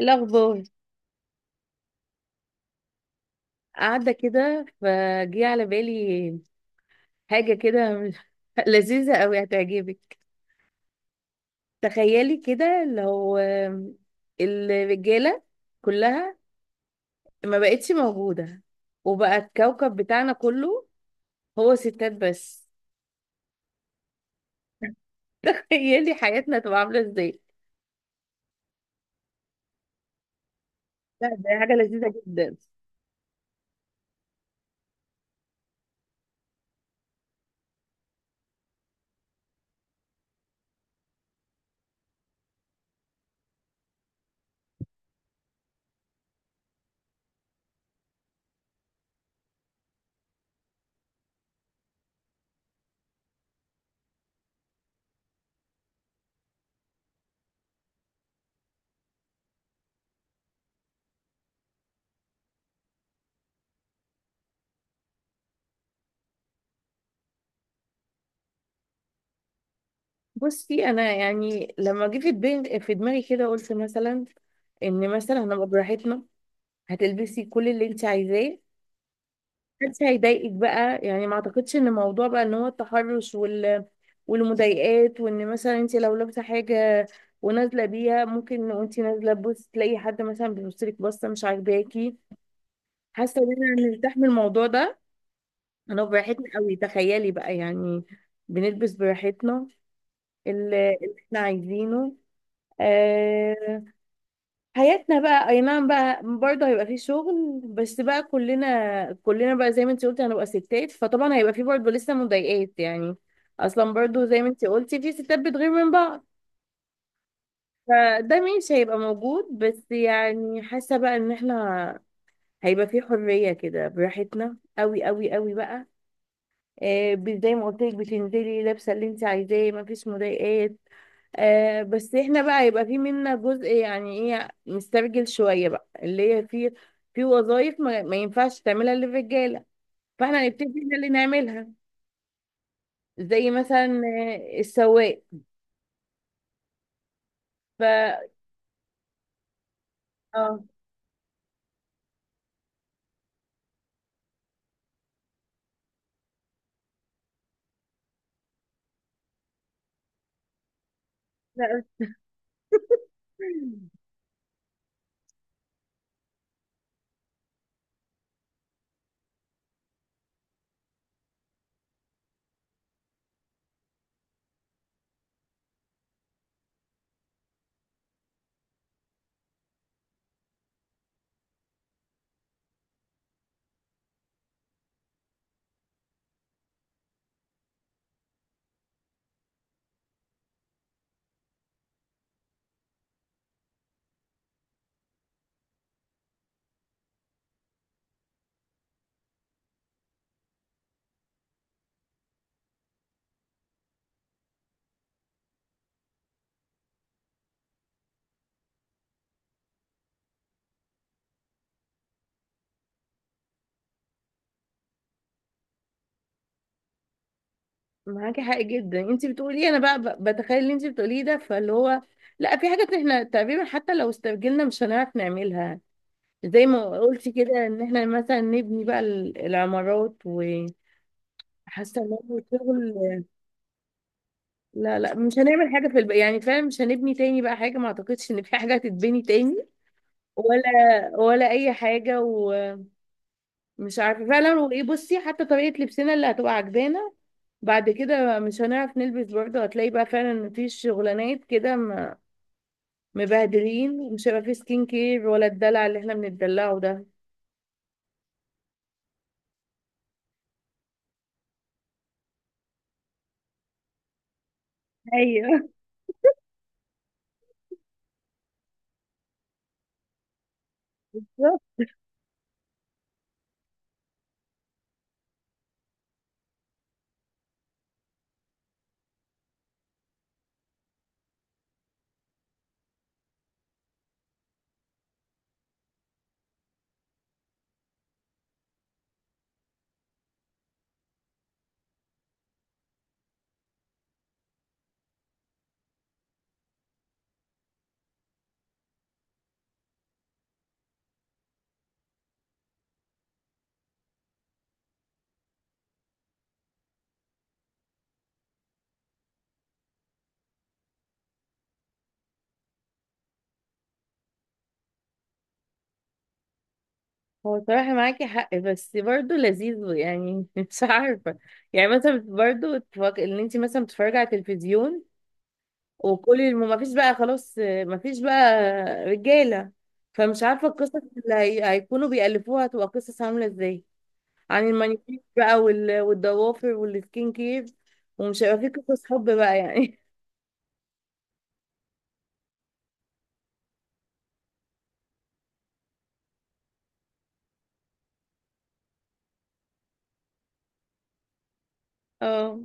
الأخبار. قاعدة كده فجي على بالي حاجة كده لذيذة أوي هتعجبك. تخيلي كده لو الرجالة كلها ما بقتش موجودة، وبقى الكوكب بتاعنا كله هو ستات بس. تخيلي حياتنا تبقى عاملة ازاي. لا دي حاجة لذيذة جدا. بصي أنا يعني لما جه في دماغي كده قلت مثلا إن مثلا هنبقى براحتنا. هتلبسي كل اللي انت عايزاه، محدش هيضايقك بقى. يعني ما اعتقدش ان موضوع بقى ان هو التحرش والمضايقات، وان مثلا انت لو لابسه حاجه ونازله بيها ممكن وانت نازله تبص تلاقي حد مثلا بيبص لك بصه مش عاجباكي. حاسه ان انا مرتاح من الموضوع ده. انا براحتنا قوي، تخيلي بقى يعني. بنلبس براحتنا اللي احنا عايزينه. آه. حياتنا بقى اي نعم بقى برضه هيبقى فيه شغل، بس بقى كلنا بقى زي ما انت قلتي هنبقى ستات، فطبعا هيبقى فيه برضه لسه مضايقات يعني. اصلا برضه زي ما انت قلتي في ستات بتغير من بعض، فده مش هيبقى موجود. بس يعني حاسه بقى ان احنا هيبقى فيه حريه كده براحتنا قوي قوي قوي بقى. زي ما قلت لك بتنزلي لابسه اللي انت عايزاه، مفيش مضايقات. آه بس احنا بقى يبقى في منا جزء يعني ايه مستعجل شوية بقى، اللي هي في في وظائف ما ينفعش تعملها الا الرجالة، فاحنا هنبتدي احنا اللي نعملها. زي مثلا السواق. ف اه لا، معاكي حق جدا انت بتقولي. انا بقى بتخيل اللي انت بتقوليه ده، فاللي هو لا في حاجات احنا تقريبا حتى لو استعجلنا مش هنعرف نعملها. زي ما قلتي كده ان احنا مثلا نبني بقى العمارات، وحاسه ان هو شغل. لا لا مش هنعمل حاجة في الب... يعني فعلا مش هنبني تاني بقى حاجة، ما اعتقدش ان في حاجة هتتبني تاني. ولا ولا اي حاجة. ومش عارفة فعلا. وايه بصي حتى طريقة لبسنا اللي هتبقى عجبانا بعد كده مش هنعرف نلبس برضه. هتلاقي بقى فعلا ان في شغلانات كده مبهدلين، مش هيبقى في سكين كير ولا الدلع اللي احنا بنتدلعه ده. ايوه بالظبط. هو صراحة معاكي حق بس برضه لذيذ يعني. مش عارفة يعني مثلا برضه تفك... ان انت مثلا بتتفرجي على التلفزيون وكل الم... ما فيش بقى خلاص، ما فيش بقى رجاله، فمش عارفه القصص اللي هي... هيكونوا بيألفوها هتبقى قصص عامله ازاي. عن المانيكير بقى وال... والضوافر والسكين كير، ومش هيبقى في قصص حب بقى يعني. اه.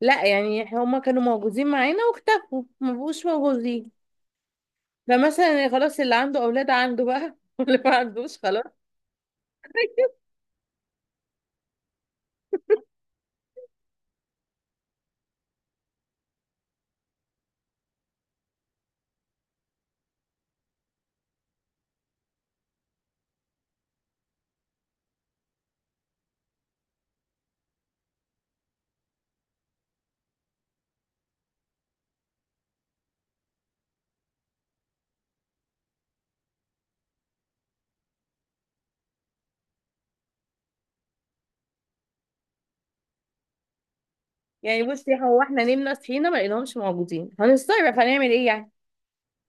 لا يعني هما كانوا موجودين معانا واختفوا، ما بقوش موجودين. فمثلا خلاص اللي عنده اولاد عنده بقى. واللي ما عندوش خلاص. يعني بصي هو احنا نمنا صحينا ما لقيناهمش موجودين، هنستغرب، هنعمل ايه يعني.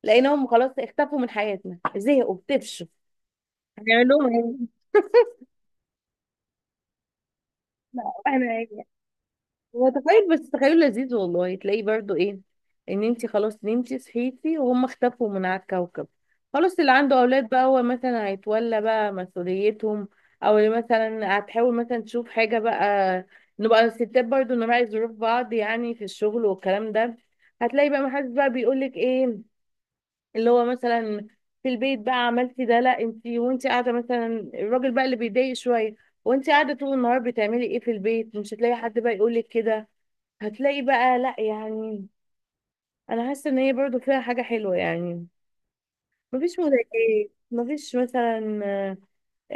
لقيناهم خلاص اختفوا من حياتنا، زهقوا بتفشوا، هنعملهم ايه. لا احنا يعني هو تخيل، بس تخيل لذيذ والله، تلاقيه برضو ايه. ان انت خلاص نمتي صحيتي وهم اختفوا من على الكوكب، خلاص اللي عنده اولاد بقى هو مثلا هيتولى بقى مسؤوليتهم، او اللي مثلا هتحاول مثلا تشوف حاجة بقى. نبقى الستات برضو نراعي ظروف بعض يعني في الشغل والكلام ده. هتلاقي بقى محدش بقى بيقولك ايه اللي هو مثلا في البيت بقى عملتي ده، لا انت وانت قاعده مثلا، الراجل بقى اللي بيتضايق شويه وانت قاعده طول النهار بتعملي ايه في البيت. مش هتلاقي حد بقى يقولك كده. هتلاقي بقى لا يعني. انا حاسه ان هي برضو فيها حاجه حلوه يعني. مفيش مضايقات، مفيش مثلا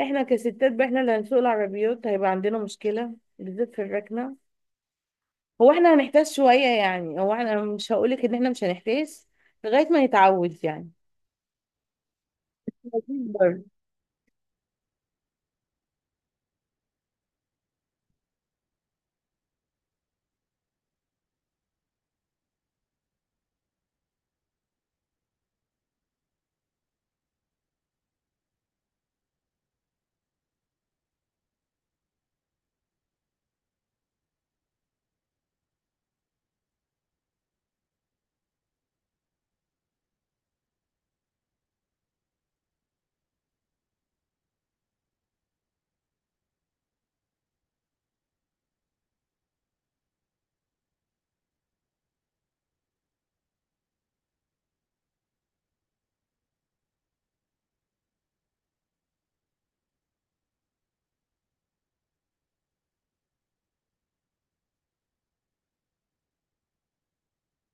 احنا كستات بقى احنا اللي هنسوق العربيات. هيبقى عندنا مشكله بالذات في الركنه، هو احنا هنحتاج شويه يعني، هو احنا مش هقولك ان احنا مش هنحتاج لغايه ما نتعود يعني. لذيذ برضه.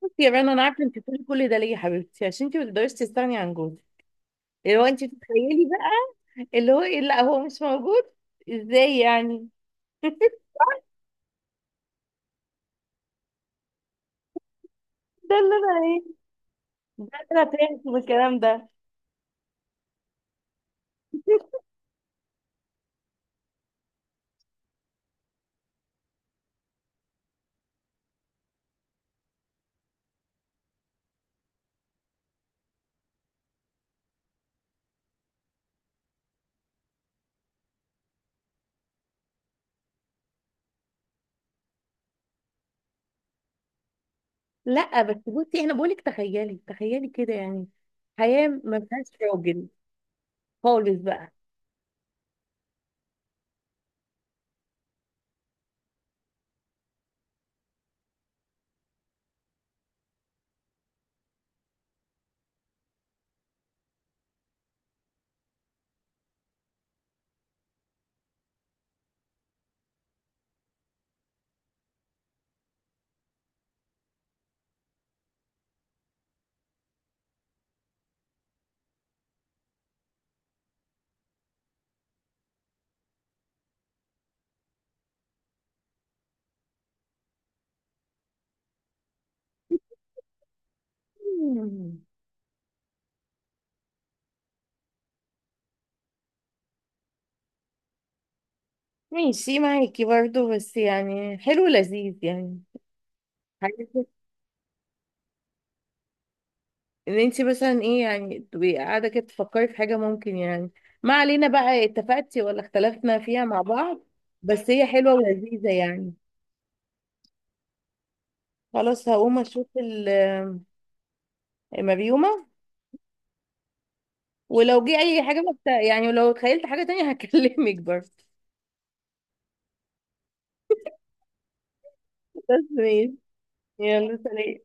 بصي يا رنا انا عارفه انت بتقولي كل ده ليه يا حبيبتي، عشان انت ما تقدريش تستغني عن جوزك. اللي هو انت بتتخيلي بقى اللي هو ايه لا هو مش موجود، ازاي يعني. ده اللي انا ايه، ده اللي انا فهمته من الكلام ده. لا بس بصي انا بقولك تخيلي، تخيلي كده يعني حياه ما فيهاش راجل خالص بقى. مم. ماشي معاكي برضو، بس يعني حلو لذيذ يعني حاجة ان انت مثلا ايه يعني تبقي قاعده كده تفكري في حاجه ممكن يعني. ما علينا بقى اتفقتي ولا اختلفنا فيها مع بعض، بس هي حلوه ولذيذه يعني. خلاص هقوم اشوف المريومه. ولو جه اي حاجه بقى يعني ولو تخيلت حاجه تانية هكلمك برضه. بس ماشي. يلا سلام.